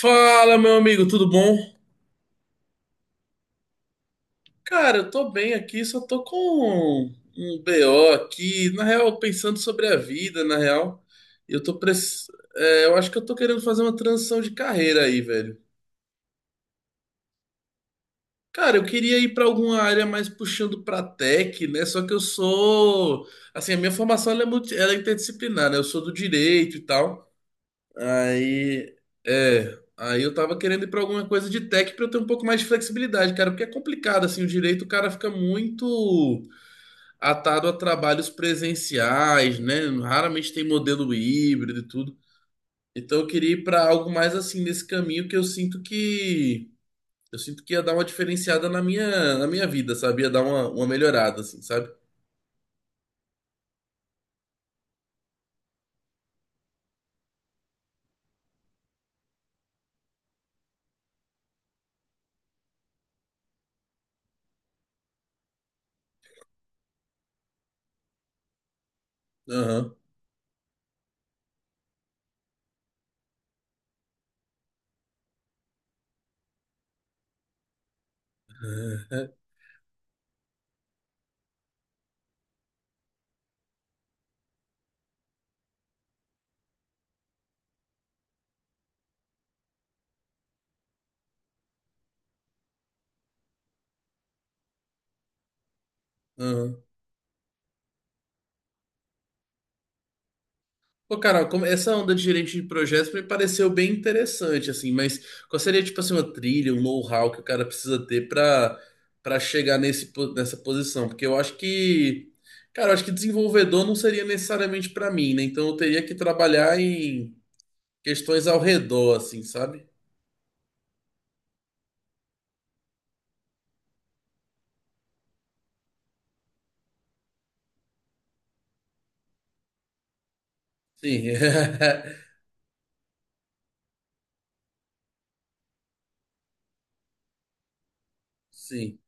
Fala, meu amigo, tudo bom? Cara, eu tô bem aqui, só tô com um BO aqui, na real, pensando sobre a vida, na real. Eu tô press... eu acho que eu tô querendo fazer uma transição de carreira aí, velho. Cara, eu queria ir pra alguma área mais puxando pra tech, né? Só que eu sou, assim, a minha formação ela é interdisciplinar, né? Eu sou do direito e tal. Aí, aí eu tava querendo ir pra alguma coisa de tech pra eu ter um pouco mais de flexibilidade, cara, porque é complicado assim, o direito, o cara fica muito atado a trabalhos presenciais, né? Raramente tem modelo híbrido e tudo. Então eu queria ir pra algo mais assim nesse caminho que eu sinto que ia dar uma diferenciada na minha vida, sabe? Ia dar uma melhorada assim, sabe? Aham. Aham. Pô, Carol, essa onda de gerente de projetos me pareceu bem interessante, assim, mas qual seria, tipo assim, uma trilha, um know-how que o cara precisa ter pra para chegar nessa posição? Porque eu acho que, cara, eu acho que desenvolvedor não seria necessariamente pra mim, né? Então eu teria que trabalhar em questões ao redor, assim, sabe? Sim, sim,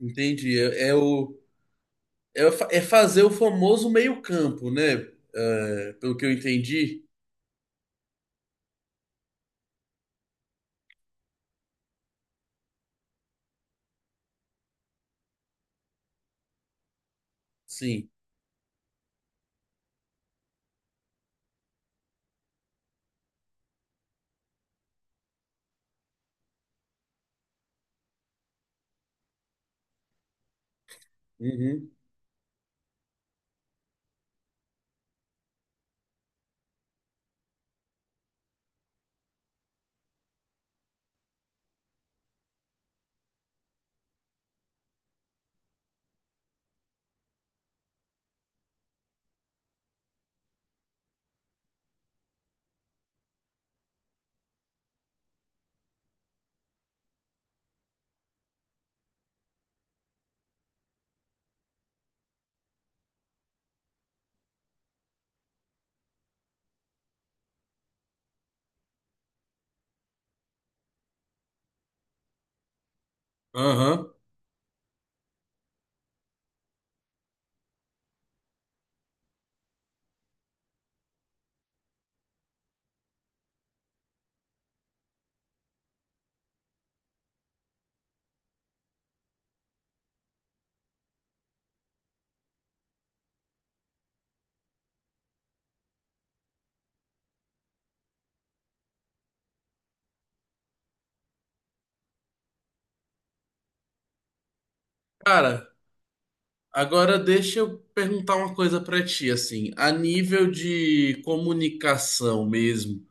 entendi. É fazer o famoso meio-campo, né? É, pelo que eu entendi, sim. Uhum. Aham. Cara. Agora deixa eu perguntar uma coisa para ti, assim, a nível de comunicação mesmo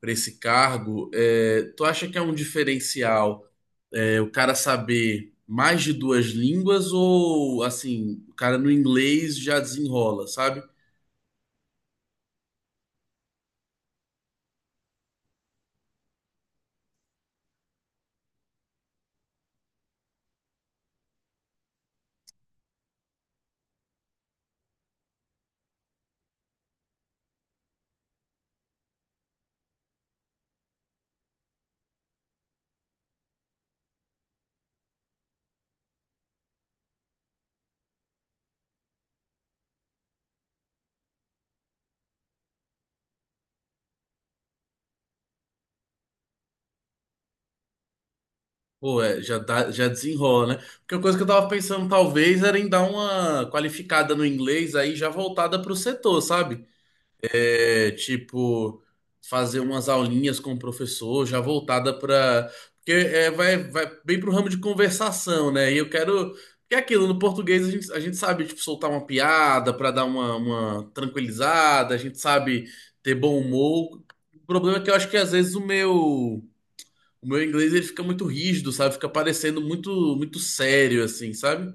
para esse cargo, é, tu acha que é um diferencial, é, o cara saber mais de duas línguas ou assim, o cara no inglês já desenrola, sabe? Pô, é, já desenrola, né? Porque a coisa que eu tava pensando talvez era em dar uma qualificada no inglês aí já voltada pro setor, sabe? É, tipo, fazer umas aulinhas com o professor, já voltada para. Porque é, vai, vai bem pro ramo de conversação, né? E eu quero. Porque é aquilo, no português a gente sabe, tipo, soltar uma piada para dar uma tranquilizada, a gente sabe ter bom humor. O problema é que eu acho que às vezes o meu. O meu inglês ele fica muito rígido, sabe? Fica parecendo muito muito sério, assim, sabe?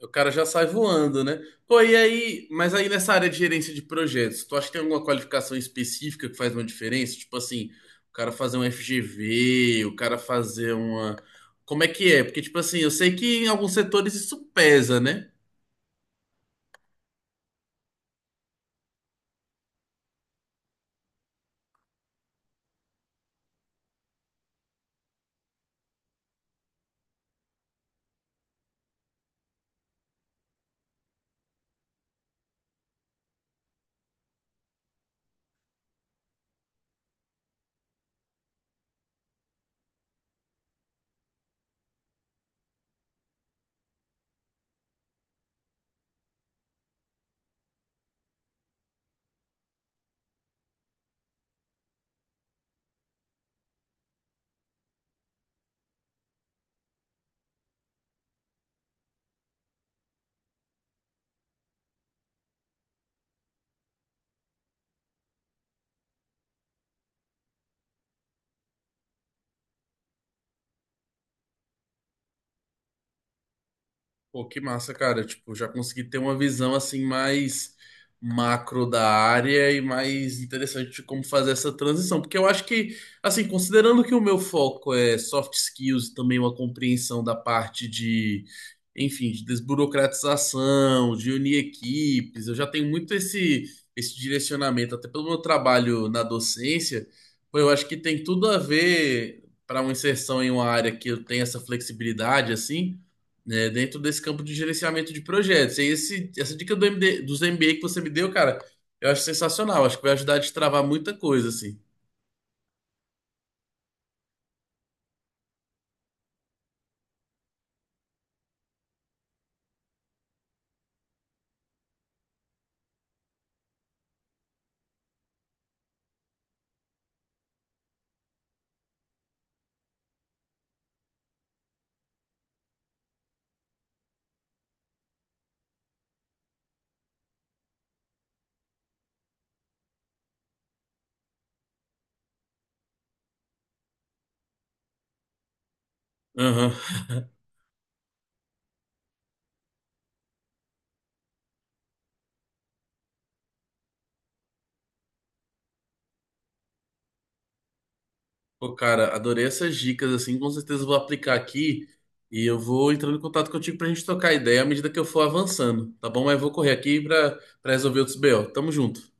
O cara já sai voando, né? Pô, e aí, mas aí nessa área de gerência de projetos, tu acha que tem alguma qualificação específica que faz uma diferença? Tipo assim, o cara fazer um FGV, o cara fazer uma. Como é que é? Porque, tipo assim, eu sei que em alguns setores isso pesa, né? Pô, que massa, cara. Tipo, já consegui ter uma visão assim mais macro da área e mais interessante de como fazer essa transição. Porque eu acho que, assim, considerando que o meu foco é soft skills e também uma compreensão da parte de, enfim, de desburocratização, de unir equipes, eu já tenho muito esse direcionamento, até pelo meu trabalho na docência, pô, eu acho que tem tudo a ver para uma inserção em uma área que eu tenho essa flexibilidade, assim, né, dentro desse campo de gerenciamento de projetos. E essa dica dos MBA que você me deu, cara, eu acho sensacional. Acho que vai ajudar a destravar muita coisa, assim. Aham. Pô, cara, adorei essas dicas, assim. Com certeza eu vou aplicar aqui e eu vou entrando em contato contigo pra gente trocar ideia à medida que eu for avançando, tá bom? Mas eu vou correr aqui pra resolver outros BO. Tamo junto.